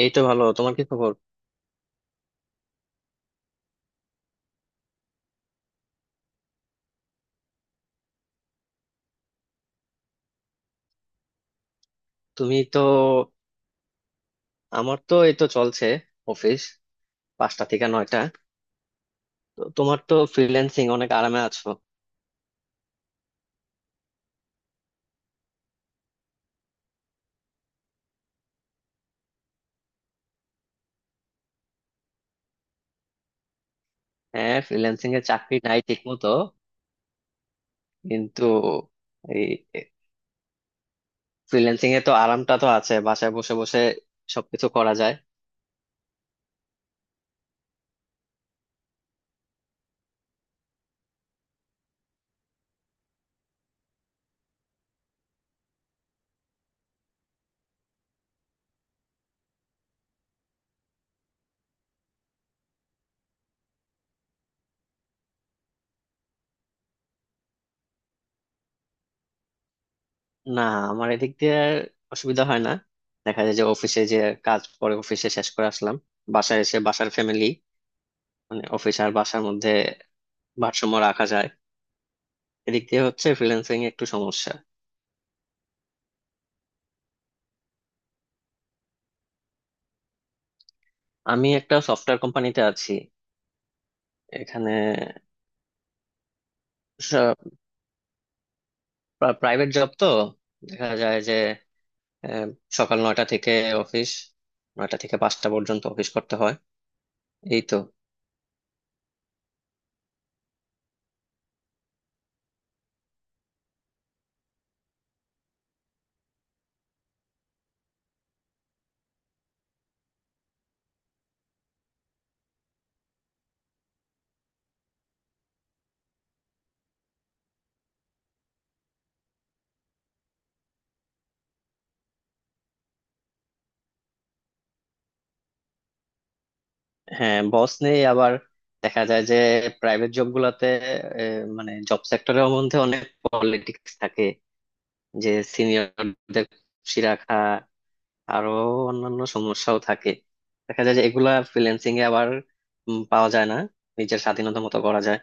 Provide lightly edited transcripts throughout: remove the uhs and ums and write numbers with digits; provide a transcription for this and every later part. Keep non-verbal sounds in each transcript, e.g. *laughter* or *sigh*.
এই তো ভালো। তোমার কি খবর? তুমি তো আমার তো এই তো চলছে, অফিস 5টা থেকে 9টা। তো তোমার তো ফ্রিল্যান্সিং, অনেক আরামে আছো। হ্যাঁ, ফ্রিল্যান্সিং এর চাকরি নাই ঠিক মতো কিন্তু। এই ফ্রিল্যান্সিং এ তো আরামটা তো আছে, বাসায় বসে বসে সবকিছু করা যায়। না, আমার এদিক দিয়ে আর অসুবিধা হয় না। দেখা যায় যে অফিসে যে কাজ পরে, অফিসে শেষ করে আসলাম, বাসায় এসে বাসার ফ্যামিলি, মানে অফিস আর বাসার মধ্যে ভারসাম্য রাখা যায়। এদিক দিয়ে হচ্ছে ফ্রিল্যান্সিং একটু সমস্যা। আমি একটা সফটওয়্যার কোম্পানিতে আছি এখানে। প্রাইভেট জব তো, দেখা যায় যে আহ, সকাল 9টা থেকে অফিস, 9টা থেকে 5টা পর্যন্ত অফিস করতে হয়, এই তো। হ্যাঁ, বস নেই আবার, দেখা যায় যে প্রাইভেট জব গুলাতে আহ, মানে জব সেক্টরের মধ্যে অনেক পলিটিক্স থাকে, যে সিনিয়রদের খুশি রাখা, আরো অন্যান্য সমস্যাও থাকে। দেখা যায় যে এগুলা ফ্রিল্যান্সিং এ আবার পাওয়া যায় না, নিজের স্বাধীনতা মতো করা যায়।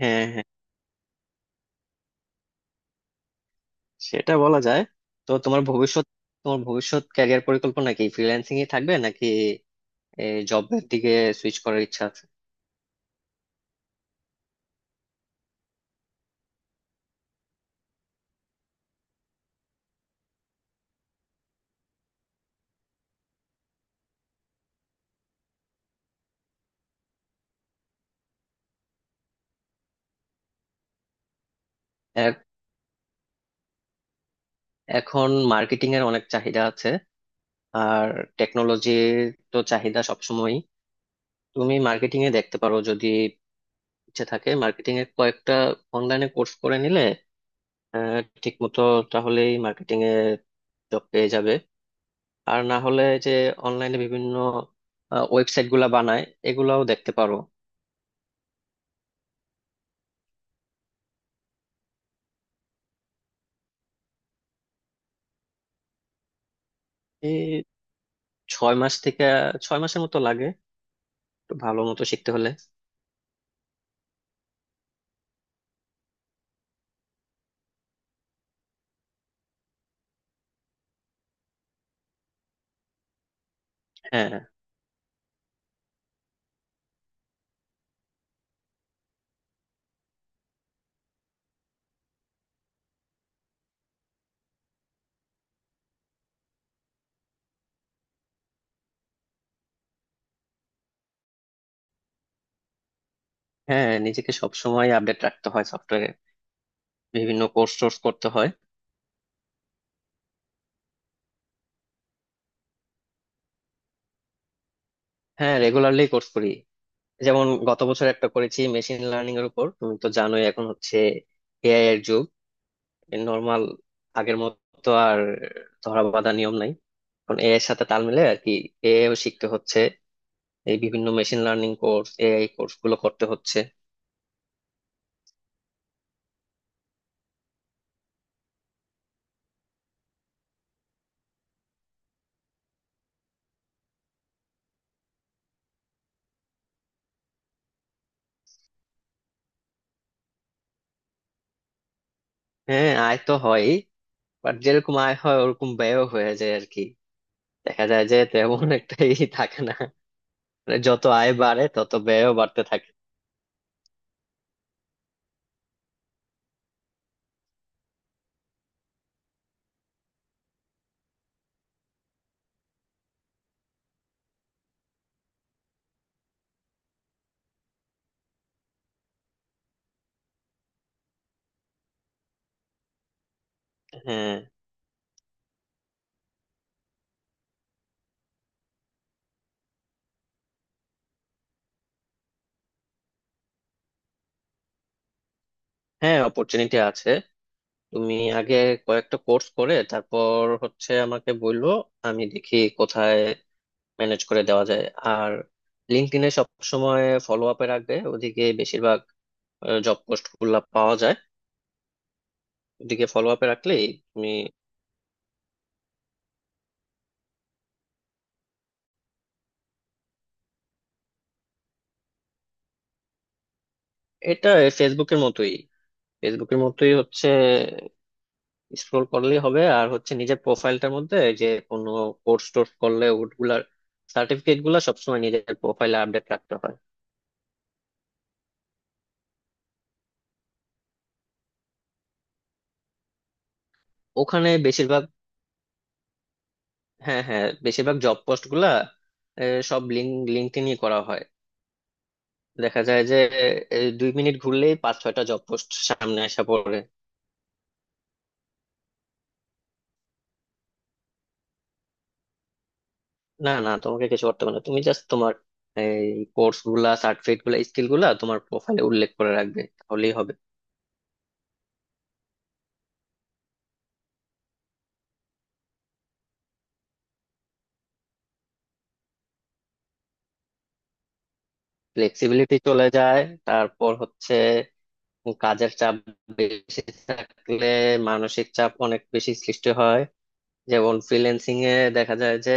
হ্যাঁ, হ্যাঁ, সেটা বলা যায়। তো তোমার ভবিষ্যৎ ক্যারিয়ার পরিকল্পনা কি? ফ্রিল্যান্সিং এ থাকবে, নাকি জবের দিকে সুইচ করার ইচ্ছা আছে? এ- এখন মার্কেটিং এর অনেক চাহিদা আছে, আর টেকনোলজির তো চাহিদা সবসময়ই। তুমি মার্কেটিং এ দেখতে পারো, যদি ইচ্ছে থাকে মার্কেটিং এর কয়েকটা অনলাইনে কোর্স করে নিলে আহ, ঠিক মতো, তাহলেই মার্কেটিং এ জব পেয়ে যাবে। আর না হলে যে অনলাইনে বিভিন্ন ওয়েবসাইট গুলা বানায়, এগুলাও দেখতে পারো। ছয় মাস থেকে 6 মাসের মতো লাগে একটু ভালো মতো শিখতে হলে। হ্যাঁ, হ্যাঁ, নিজেকে সব সময় আপডেট রাখতে হয় সফটওয়্যারে, বিভিন্ন কোর্স টোর্স করতে হয়। হ্যাঁ, রেগুলারলি কোর্স করি। যেমন গত বছর একটা করেছি মেশিন লার্নিং এর উপর। তুমি তো জানোই, এখন হচ্ছে এআই এর যুগ। নর্মাল আগের মতো আর ধরা বাঁধা নিয়ম নাই, এখন এআই এর সাথে তাল মিলে আর কি, এআই ও শিখতে হচ্ছে। এই বিভিন্ন machine learning course, AI course গুলো করতে হচ্ছে। হ্যাঁ, আয় তো হয়, বাট যেরকম আয় হয় ওরকম ব্যয়ও হয়ে যায় আর কি। দেখা যায় যে তেমন একটা ই *laughs* থাকে না, মানে যত আয় বাড়ে তত ব্যয়ও বাড়তে থাকে। হ্যাঁ, হ্যাঁ, অপরচুনিটি আছে। তুমি আগে কয়েকটা কোর্স করে তারপর হচ্ছে আমাকে বললো, আমি দেখি কোথায় ম্যানেজ করে দেওয়া যায়। আর লিঙ্কডইনে সব সময় ফলো আপে রাখবে, ওদিকে বেশিরভাগ জব পোস্ট গুলা পাওয়া যায়। ওদিকে ফলো আপে রাখলেই তুমি। এটা ফেসবুকের মতোই। হচ্ছে স্ক্রোল করলেই হবে, আর হচ্ছে নিজের প্রোফাইলটার মধ্যে এই যে কোনো কোর্স টোর্স করলে ওগুলার সার্টিফিকেট গুলা সবসময় নিজের প্রোফাইলে আপডেট রাখতে হয়। ওখানে বেশিরভাগ হ্যাঁ, হ্যাঁ, বেশিরভাগ জব পোস্ট গুলা সব লিঙ্কডইনই করা হয়। দেখা যায় যে 2 মিনিট ঘুরলেই 5-6টা জব পোস্ট সামনে আসা পড়ে। না না, তোমাকে কিছু করতে হবে না, তুমি জাস্ট তোমার এই কোর্স গুলা, সার্টিফিকেট গুলা, স্কিল গুলা তোমার প্রোফাইলে উল্লেখ করে রাখবে, তাহলেই হবে। ফ্লেক্সিবিলিটি চলে যায়, তারপর হচ্ছে কাজের চাপ বেশি থাকলে মানসিক চাপ অনেক বেশি সৃষ্টি হয়। যেমন ফ্রিল্যান্সিং এ দেখা যায় যে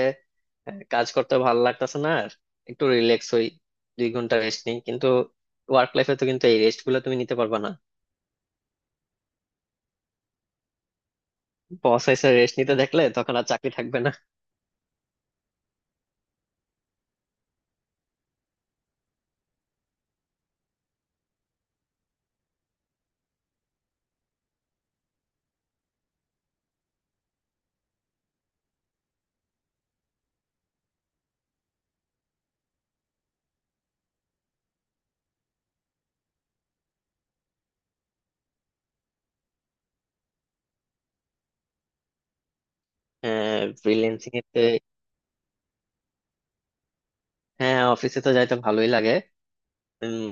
কাজ করতে ভালো লাগতেছে না আর, একটু রিল্যাক্স হই, 2 ঘন্টা রেস্ট নিই, কিন্তু ওয়ার্ক লাইফে তো কিন্তু এই রেস্ট গুলো তুমি নিতে পারবে না। বস এসে রেস্ট নিতে দেখলে তখন আর চাকরি থাকবে না। হ্যাঁ, ফ্রিল্যান্সিং এতে। হ্যাঁ, অফিসে তো যাইতে ভালোই লাগে, উম,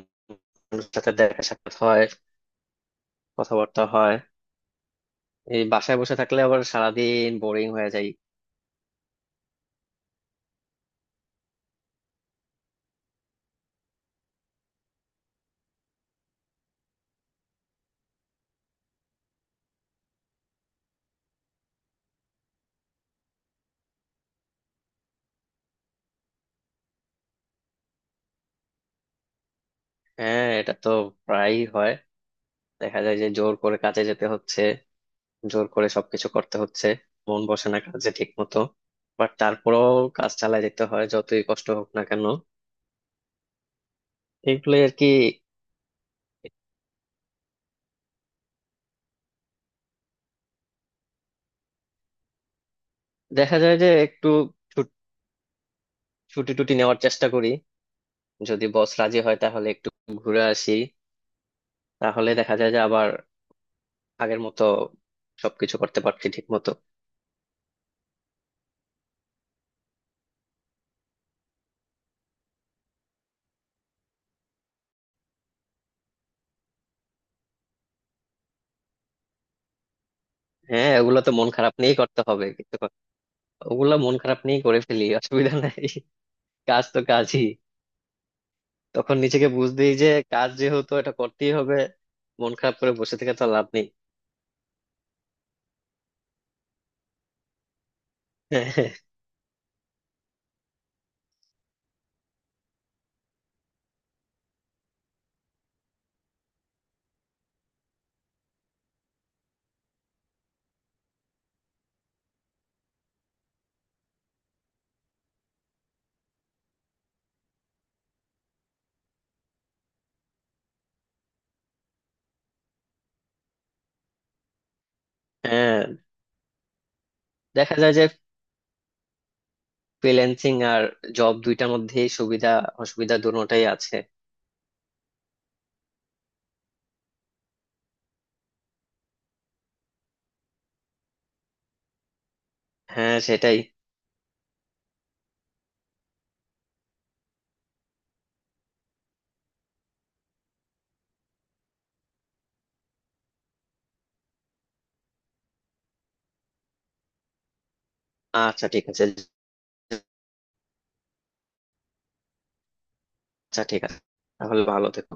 মানুষের সাথে দেখা সাক্ষাৎ হয়, কথাবার্তা হয়। এই বাসায় বসে থাকলে আবার সারাদিন বোরিং হয়ে যায়। হ্যাঁ, এটা তো প্রায়ই হয়। দেখা যায় যে জোর করে কাজে যেতে হচ্ছে, জোর করে সবকিছু করতে হচ্ছে, মন বসে না কাজে ঠিক মতো, বাট তারপরেও কাজ চালিয়ে যেতে হয় যতই কষ্ট হোক না কেন। এইগুলোই আর কি। দেখা যায় যে একটু ছুট- ছুটি টুটি নেওয়ার চেষ্টা করি, যদি বস রাজি হয় তাহলে একটু ঘুরে আসি, তাহলে দেখা যায় যে আবার আগের মতো সবকিছু করতে পারছি ঠিক মতো। হ্যাঁ, ওগুলো তো মন খারাপ নিয়েই করতে হবে কিন্তু। ওগুলো মন খারাপ নিয়েই করে ফেলি, অসুবিধা নাই। কাজ তো কাজই। তখন নিজেকে বুঝ দিই যে কাজ যেহেতু এটা করতেই হবে, মন খারাপ করে বসে থেকে তো লাভ নেই। *laughs* হ্যাঁ। দেখা যায় যে ফ্রিল্যান্সিং আর জব, দুইটার মধ্যে সুবিধা অসুবিধা দুটোটাই আছে। হ্যাঁ, সেটাই। আচ্ছা, ঠিক আছে। আচ্ছা, ঠিক আছে। তাহলে ভালো থেকো।